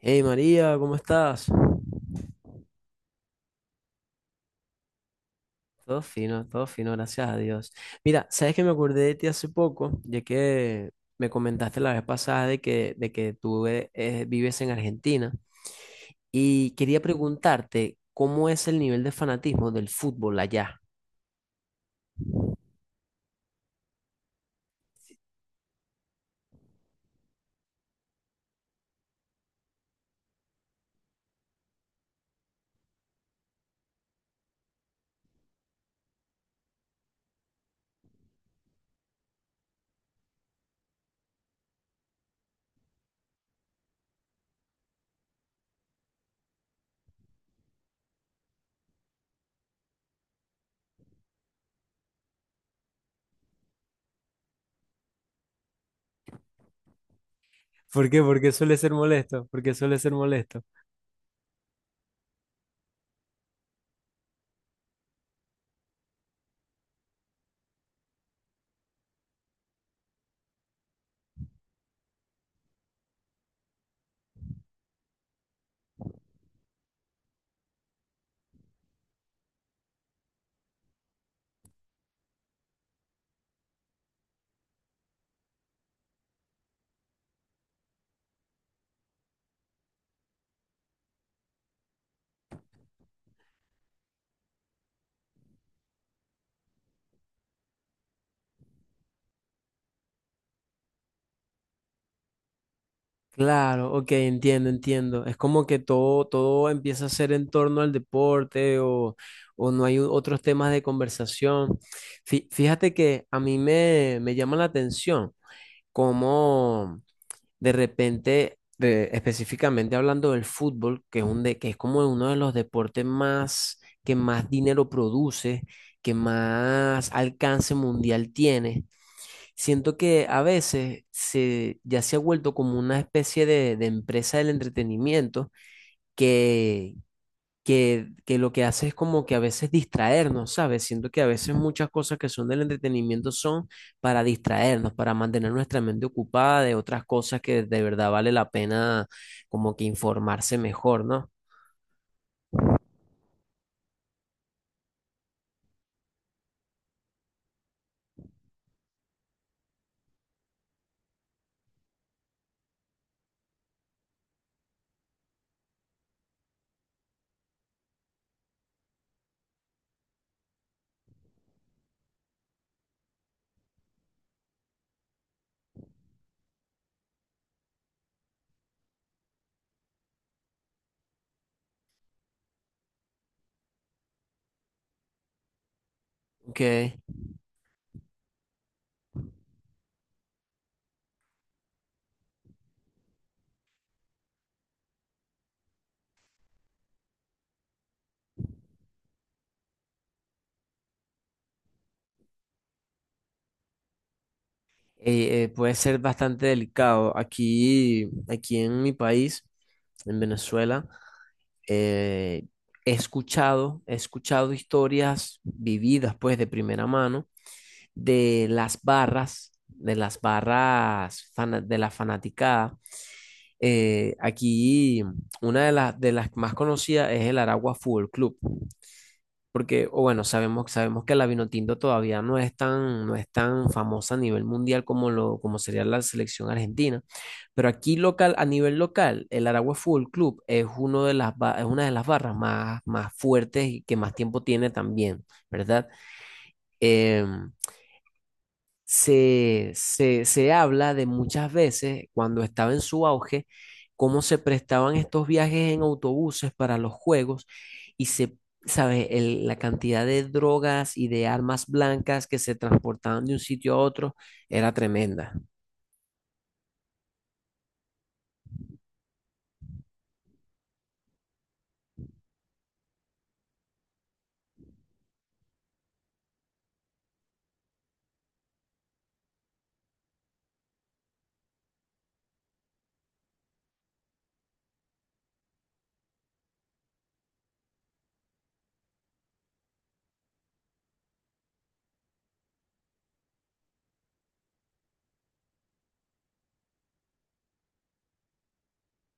Hey María, ¿cómo estás? Todo fino, gracias a Dios. Mira, sabes que me acordé de ti hace poco, ya que me comentaste la vez pasada de que tú vives en Argentina y quería preguntarte cómo es el nivel de fanatismo del fútbol allá. ¿Por qué? Porque suele ser molesto, porque suele ser molesto. Claro, ok, entiendo, entiendo. Es como que todo, todo empieza a ser en torno al deporte o no hay u- otros temas de conversación. Fíjate que a mí me llama la atención cómo de repente, específicamente hablando del fútbol, que es que es como uno de los deportes más que más dinero produce, que más alcance mundial tiene. Siento que a veces ya se ha vuelto como una especie de empresa del entretenimiento que, que lo que hace es como que a veces distraernos, ¿sabes? Siento que a veces muchas cosas que son del entretenimiento son para distraernos, para mantener nuestra mente ocupada de otras cosas que de verdad vale la pena como que informarse mejor, ¿no? Que puede ser bastante delicado. Aquí, aquí en mi país, en Venezuela, eh, he escuchado historias vividas, pues, de primera mano, de las barras, de la fanaticada. Aquí una de las más conocidas es el Aragua Fútbol Club. Porque, o bueno, sabemos, sabemos que la Vinotinto todavía no es tan, no es tan famosa a nivel mundial como sería la selección argentina. Pero aquí local, a nivel local, el Aragua Fútbol Club es uno de es una de las barras más, más fuertes y que más tiempo tiene también, ¿verdad? Em, se habla de muchas veces, cuando estaba en su auge, cómo se prestaban estos viajes en autobuses para los juegos y se, ¿sabes? La cantidad de drogas y de armas blancas que se transportaban de un sitio a otro era tremenda.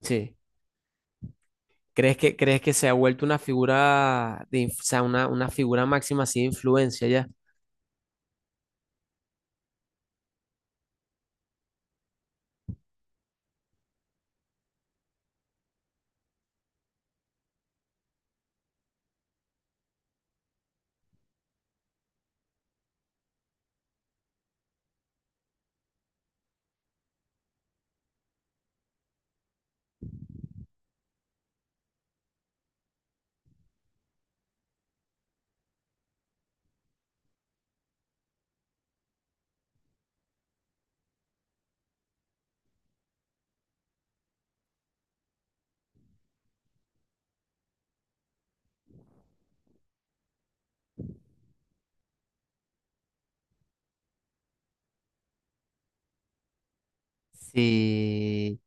Sí. Crees que se ha vuelto una figura, o sea, una figura máxima así de influencia ya? Sí.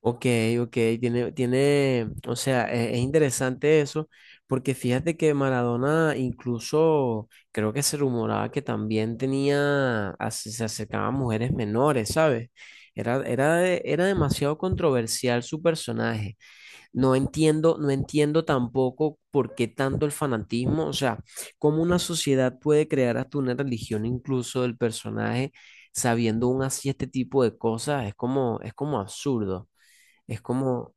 Ok, ok, tiene, tiene, o sea, es interesante eso, porque fíjate que Maradona incluso creo que se rumoraba que también se acercaba a mujeres menores, ¿sabes? Era, era, era demasiado controversial su personaje. No entiendo, no entiendo tampoco por qué tanto el fanatismo, o sea, cómo una sociedad puede crear hasta una religión incluso del personaje sabiendo aún así este tipo de cosas, es como absurdo. Es como,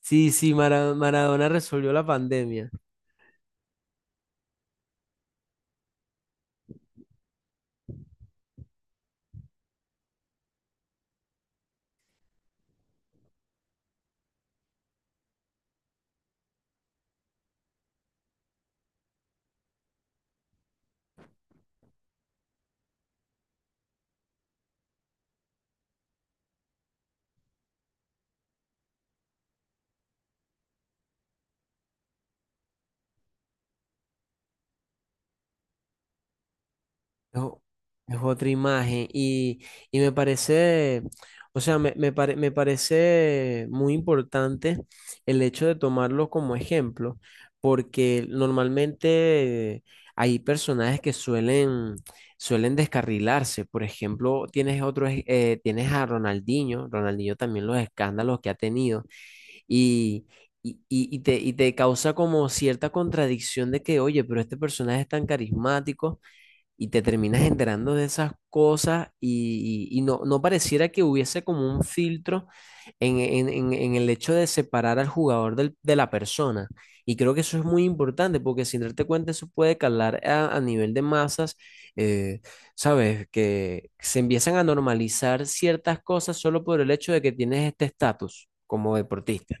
sí, sí, Maradona resolvió la pandemia. Es, o- es otra imagen y me parece, o sea, me parece muy importante el hecho de tomarlo como ejemplo, porque normalmente hay personajes que suelen, suelen descarrilarse. Por ejemplo, tienes otros, tienes a Ronaldinho, Ronaldinho también los escándalos que ha tenido. Y, y te causa como cierta contradicción de que, oye, pero este personaje es tan carismático y te terminas enterando de esas cosas y no, no pareciera que hubiese como un filtro en el hecho de separar al jugador de la persona. Y creo que eso es muy importante porque sin darte cuenta eso puede calar a nivel de masas, eh, ¿sabes? Que se empiezan a normalizar ciertas cosas solo por el hecho de que tienes este estatus como deportista.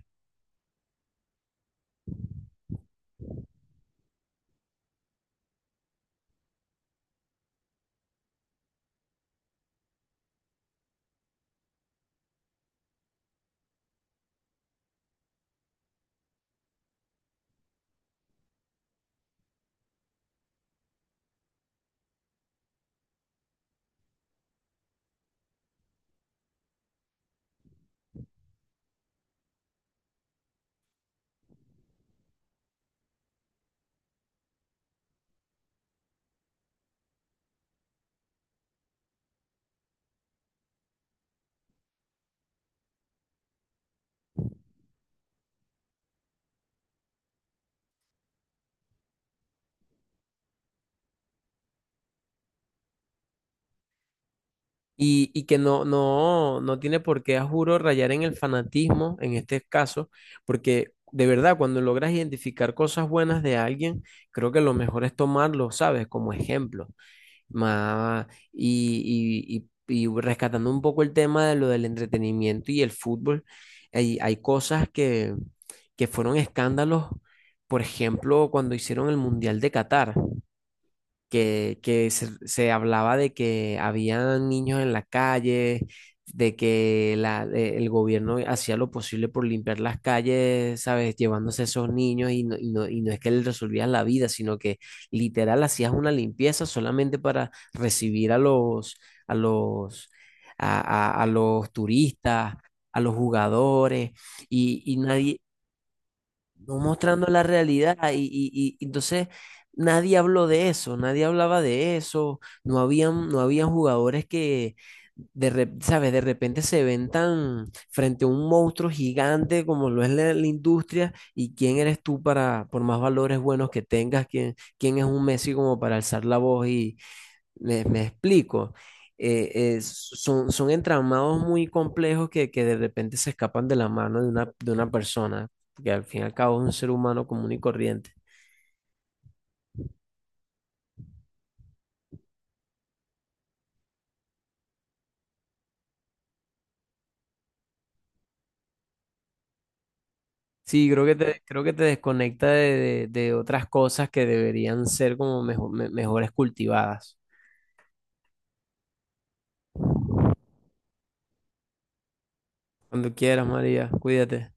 Y que no, no, no tiene por qué, a juro, rayar en el fanatismo en este caso, porque de verdad, cuando logras identificar cosas buenas de alguien, creo que lo mejor es tomarlo, ¿sabes? Como ejemplo. Ma- y, y, y rescatando un poco el tema de lo del entretenimiento y el fútbol, hay cosas que fueron escándalos, por ejemplo, cuando hicieron el Mundial de Qatar que se hablaba de que había niños en la calle, de que el gobierno hacía lo posible por limpiar las calles, ¿sabes? Llevándose esos niños y no, y no, y no es que les resolvías la vida, sino que literal hacías una limpieza solamente para recibir a los, a los, a los turistas, a los jugadores. Y nadie, no mostrando la realidad. Entonces nadie habló de eso, nadie hablaba de eso, no habían, no habían jugadores que, ¿sabes? De repente se ven tan frente a un monstruo gigante como lo es la industria y quién eres tú para, por más valores buenos que tengas, quién, quién es un Messi como para alzar la voz, me explico. Eh, son, son entramados muy complejos que de repente se escapan de la mano de una persona, que al fin y al cabo es un ser humano común y corriente. Sí, creo que te desconecta de, de otras cosas que deberían ser como mejores cultivadas. Cuando quieras, María, cuídate.